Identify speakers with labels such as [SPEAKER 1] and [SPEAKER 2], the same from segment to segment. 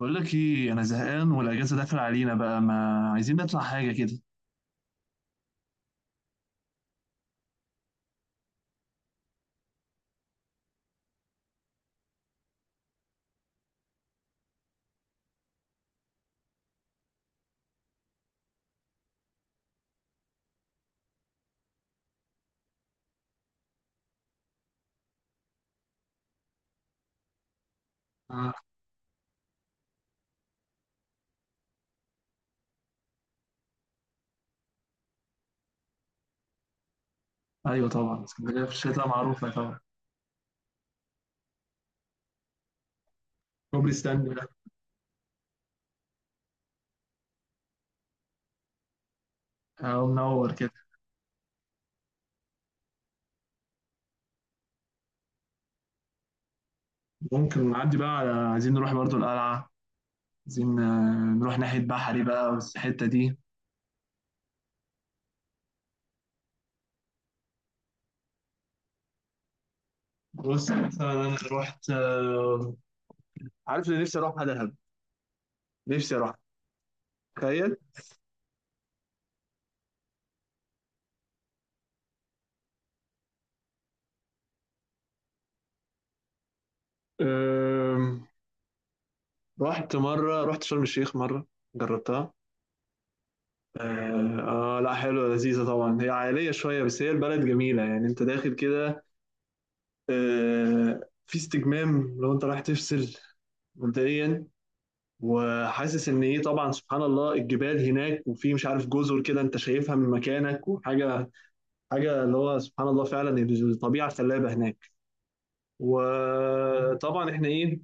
[SPEAKER 1] بقول لك ايه انا زهقان والاجازه داخل علينا بقى ما عايزين نطلع حاجه كده. آه. ايوه طبعا اسكندريه في الشتاء معروفه طبعا. كوبري ستانلي ده. اه منور كده. ممكن نعدي بقى على عايزين نروح برضو القلعه. عايزين نروح ناحيه بحري بقى والحته دي. بص مثلا انا رحت عارف اللي نفسي اروحها دهب. نفسي اروحها. تخيل. آم، رحت شرم الشيخ مره. جربتها. لا حلوة لذيذة طبعا هي عائلية شوية بس هي البلد جميلة يعني انت داخل كده. في استجمام لو انت رايح تفصل. مبدئيا. وحاسس ان ايه طبعا سبحان الله الجبال هناك وفي مش عارف جزر كده انت شايفها من مكانك وحاجة. حاجة اللي هو سبحان الله فعلا. الطبيعة خلابة هناك. وطبعا احنا ايه.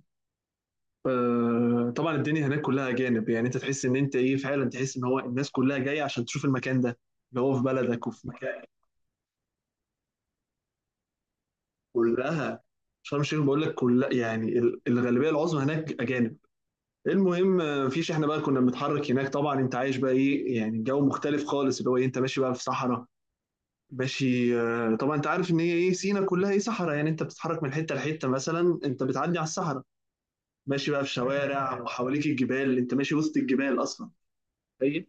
[SPEAKER 1] طبعا الدنيا هناك كلها اجانب يعني انت تحس ان انت ايه فعلا تحس ان هو الناس كلها جايه عشان تشوف المكان ده. اللي هو في بلدك وفي مكان. كلها. شرم الشيخ بقول لك كلها يعني الغالبيه العظمى هناك اجانب. المهم مفيش احنا بقى كنا بنتحرك هناك طبعا انت عايش بقى ايه يعني الجو مختلف خالص اللي هو ايه انت ماشي بقى في صحراء. ماشي طبعا انت عارف ان هي ايه سينا كلها ايه صحراء يعني انت بتتحرك من حته لحته مثلا انت بتعدي على الصحراء. ماشي بقى في شوارع وحواليك الجبال انت ماشي وسط الجبال اصلا. ايوه.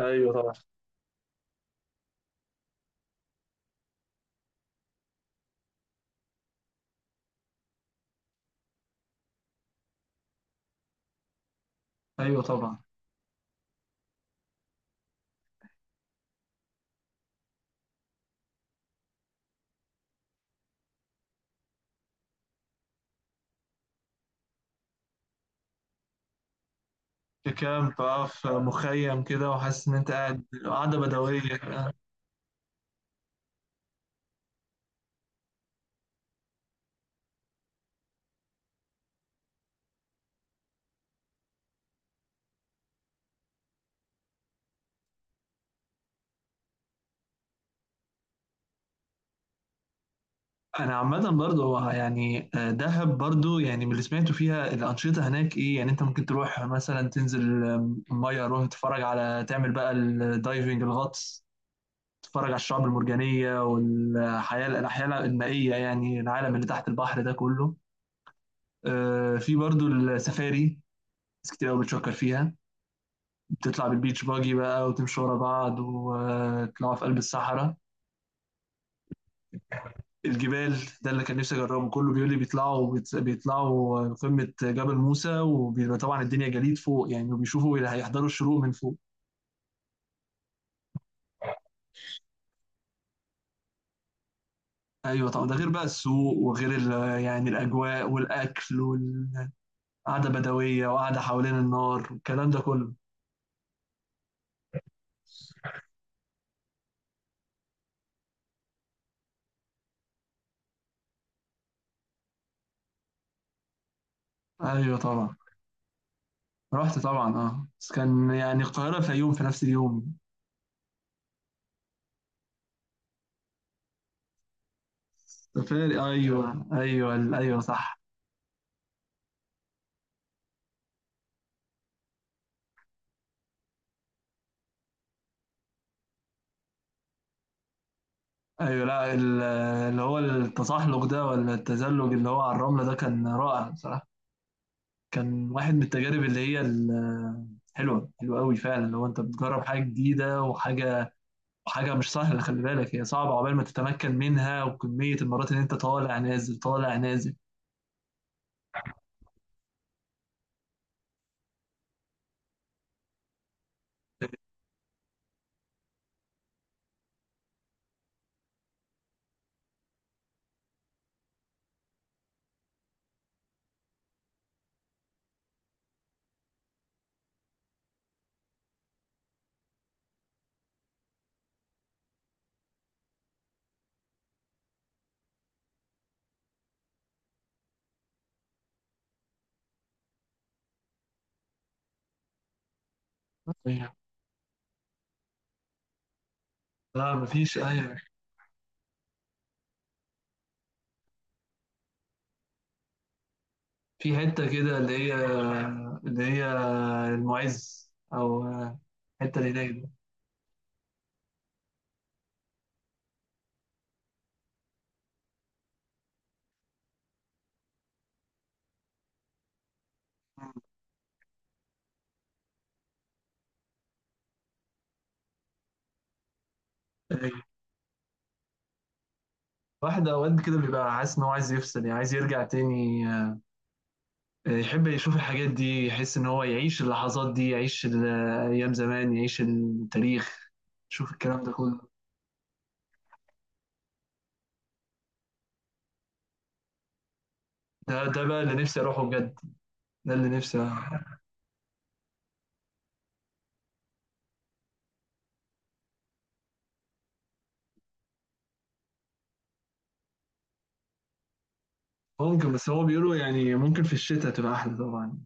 [SPEAKER 1] ايوه طبعا. ايوه طبعا. في كامب بقى في مخيم كده وحاسس ان انت قاعد قاعده بدويه. انا عامه برضه هو يعني دهب برضه يعني من اللي سمعته فيها الانشطه هناك ايه يعني انت ممكن تروح مثلا تنزل الميه روح تتفرج على تعمل بقى الدايفنج الغطس. تتفرج على الشعب المرجانيه والحياه الاحياء المائيه يعني العالم اللي تحت البحر ده كله. في برضه السفاري. ناس كتير قوي بتشكر فيها. بتطلع بالبيتش باجي بقى وتمشوا ورا بعض وتطلعوا في قلب الصحراء. الجبال. ده اللي كان نفسي اجربه كله بيقول لي بيطلعوا بيطلعوا قمة جبل موسى وبيبقى طبعا الدنيا جليد فوق يعني وبيشوفوا اللي هيحضروا الشروق من فوق. ايوه طبعا ده غير بقى السوق وغير يعني الاجواء والاكل والقعدة بدوية وقعدة حوالين النار والكلام ده كله. ايوه طبعا. رحت طبعا اه بس كان يعني القاهرة الفيوم في نفس اليوم. سفاري ايوه ايوه ايوه صح. ايوه لا اللي هو التزحلق ده ولا التزلج اللي هو على الرملة ده كان رائع بصراحة. كان واحد من التجارب اللي هي حلوة حلوة قوي فعلا لو انت بتجرب حاجة جديدة وحاجة. حاجة مش سهلة خلي بالك هي صعبة عقبال ما تتمكن منها وكمية المرات اللي انت طالع نازل طالع نازل. أيوة. لا مفيش اي. في حتة كده اللي هي. اللي هي. المعز او. الحتة اللي هناك دي. أيوة. واحد اوقات كده بيبقى حاسس ان هو عايز يفصل يعني عايز يرجع تاني. يحب يشوف الحاجات دي يحس ان هو يعيش اللحظات دي يعيش ايام زمان يعيش التاريخ. يشوف الكلام ده كله. ده بقى اللي نفسي اروحه بجد. ده اللي نفسي. ممكن بس هو بيقولوا يعني ممكن في الشتاء تبقى احلى طبعا.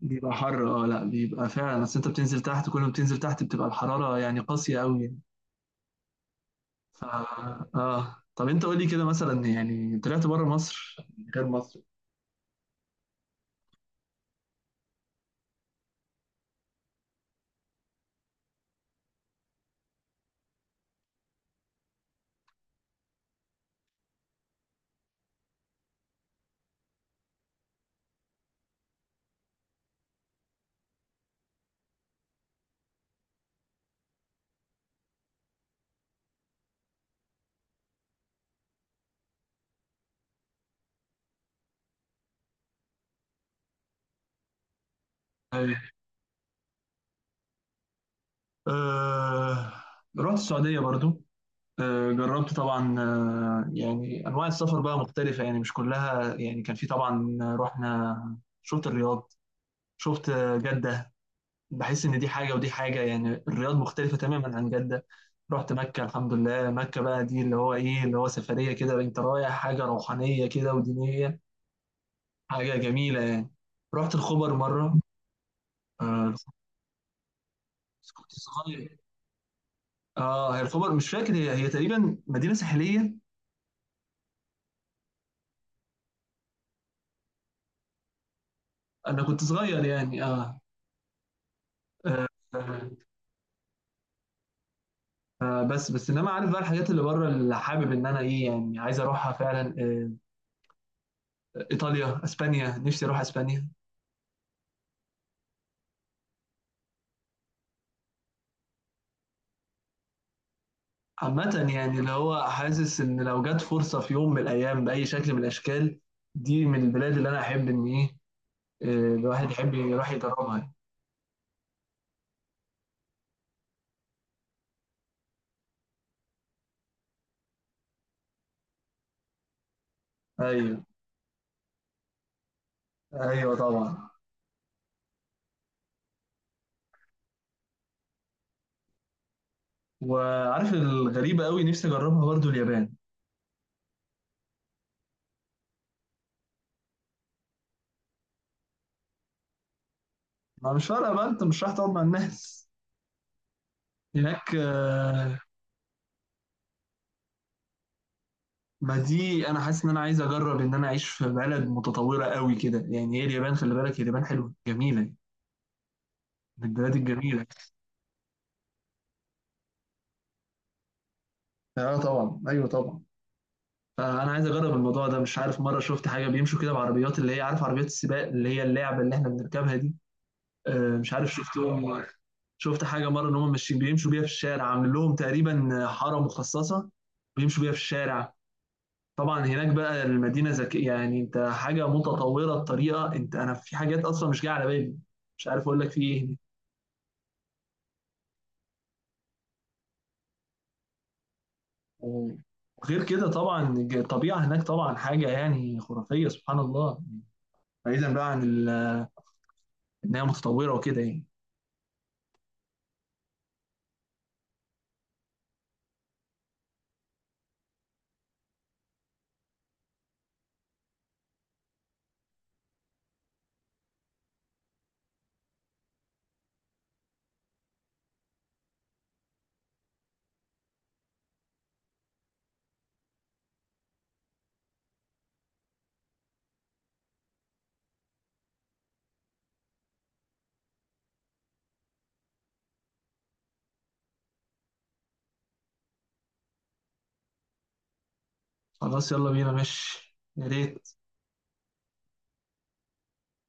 [SPEAKER 1] بيبقى حر اه لا بيبقى فعلا بس انت بتنزل تحت كل ما بتنزل تحت بتبقى الحرارة يعني قاسية قوي يعني. ف اه طب انت قول لي كده مثلا يعني طلعت بره مصر. غير مصر. أيوة. آه... رحت السعودية برضو. جربت طبعا يعني انواع السفر بقى مختلفه يعني مش كلها يعني كان في طبعا رحنا شفت الرياض. شفت جده. بحس ان دي حاجه ودي حاجه يعني الرياض مختلفه تماما عن جده. رحت مكه الحمد لله مكه بقى دي اللي هو ايه اللي هو سفريه كده انت رايح حاجه روحانيه كده ودينيه. حاجه جميله يعني. رحت الخبر مره. آه، كنت صغير. اه هي الخبر مش فاكر هي تقريبا مدينه ساحليه. انا كنت صغير يعني اه. آه. بس بس انما عارف بقى الحاجات اللي بره اللي حابب ان انا ايه يعني عايز اروحها فعلا ايطاليا اسبانيا نفسي اروح اسبانيا. عامة يعني اللي هو حاسس ان لو جت فرصة في يوم من الايام باي شكل من الاشكال. دي من البلاد اللي انا احب ان ايه الواحد يحب يروح يجربها يعني. ايوه ايوه طبعا. وعارف الغريبة قوي نفسي اجربها برضو اليابان. ما مش فارقة بقى انت مش رايح تقعد مع الناس. هناك ما دي انا حاسس ان انا عايز اجرب ان انا اعيش في بلد متطوره قوي كده يعني هي اليابان خلي بالك اليابان حلوه جميله. من البلاد الجميله. اه طبعا ايوه طبعا. فانا عايز اجرب الموضوع ده مش عارف مره شفت حاجه بيمشوا كده بعربيات اللي هي عارف عربيات السباق اللي هي اللعبه اللي احنا بنركبها دي. مش عارف شفتهم. شفت حاجه مره ان هم ماشيين بيمشوا بيها في الشارع عامل لهم تقريبا حاره مخصصه. بيمشوا بيها في الشارع. طبعًا هناك بقى المدينة ذكية، يعني أنت حاجة متطورة بطريقة أنت أنا في حاجات أصلًا مش جاية على بالي، مش عارف أقول لك في إيه هنا. إمم. وغير كده طبعًا الطبيعة هناك طبعًا حاجة يعني خرافية سبحان الله، بعيدًا بقى عن إن هي متطورة وكده يعني. خلاص يالّا بينا ماشي، يا ريت.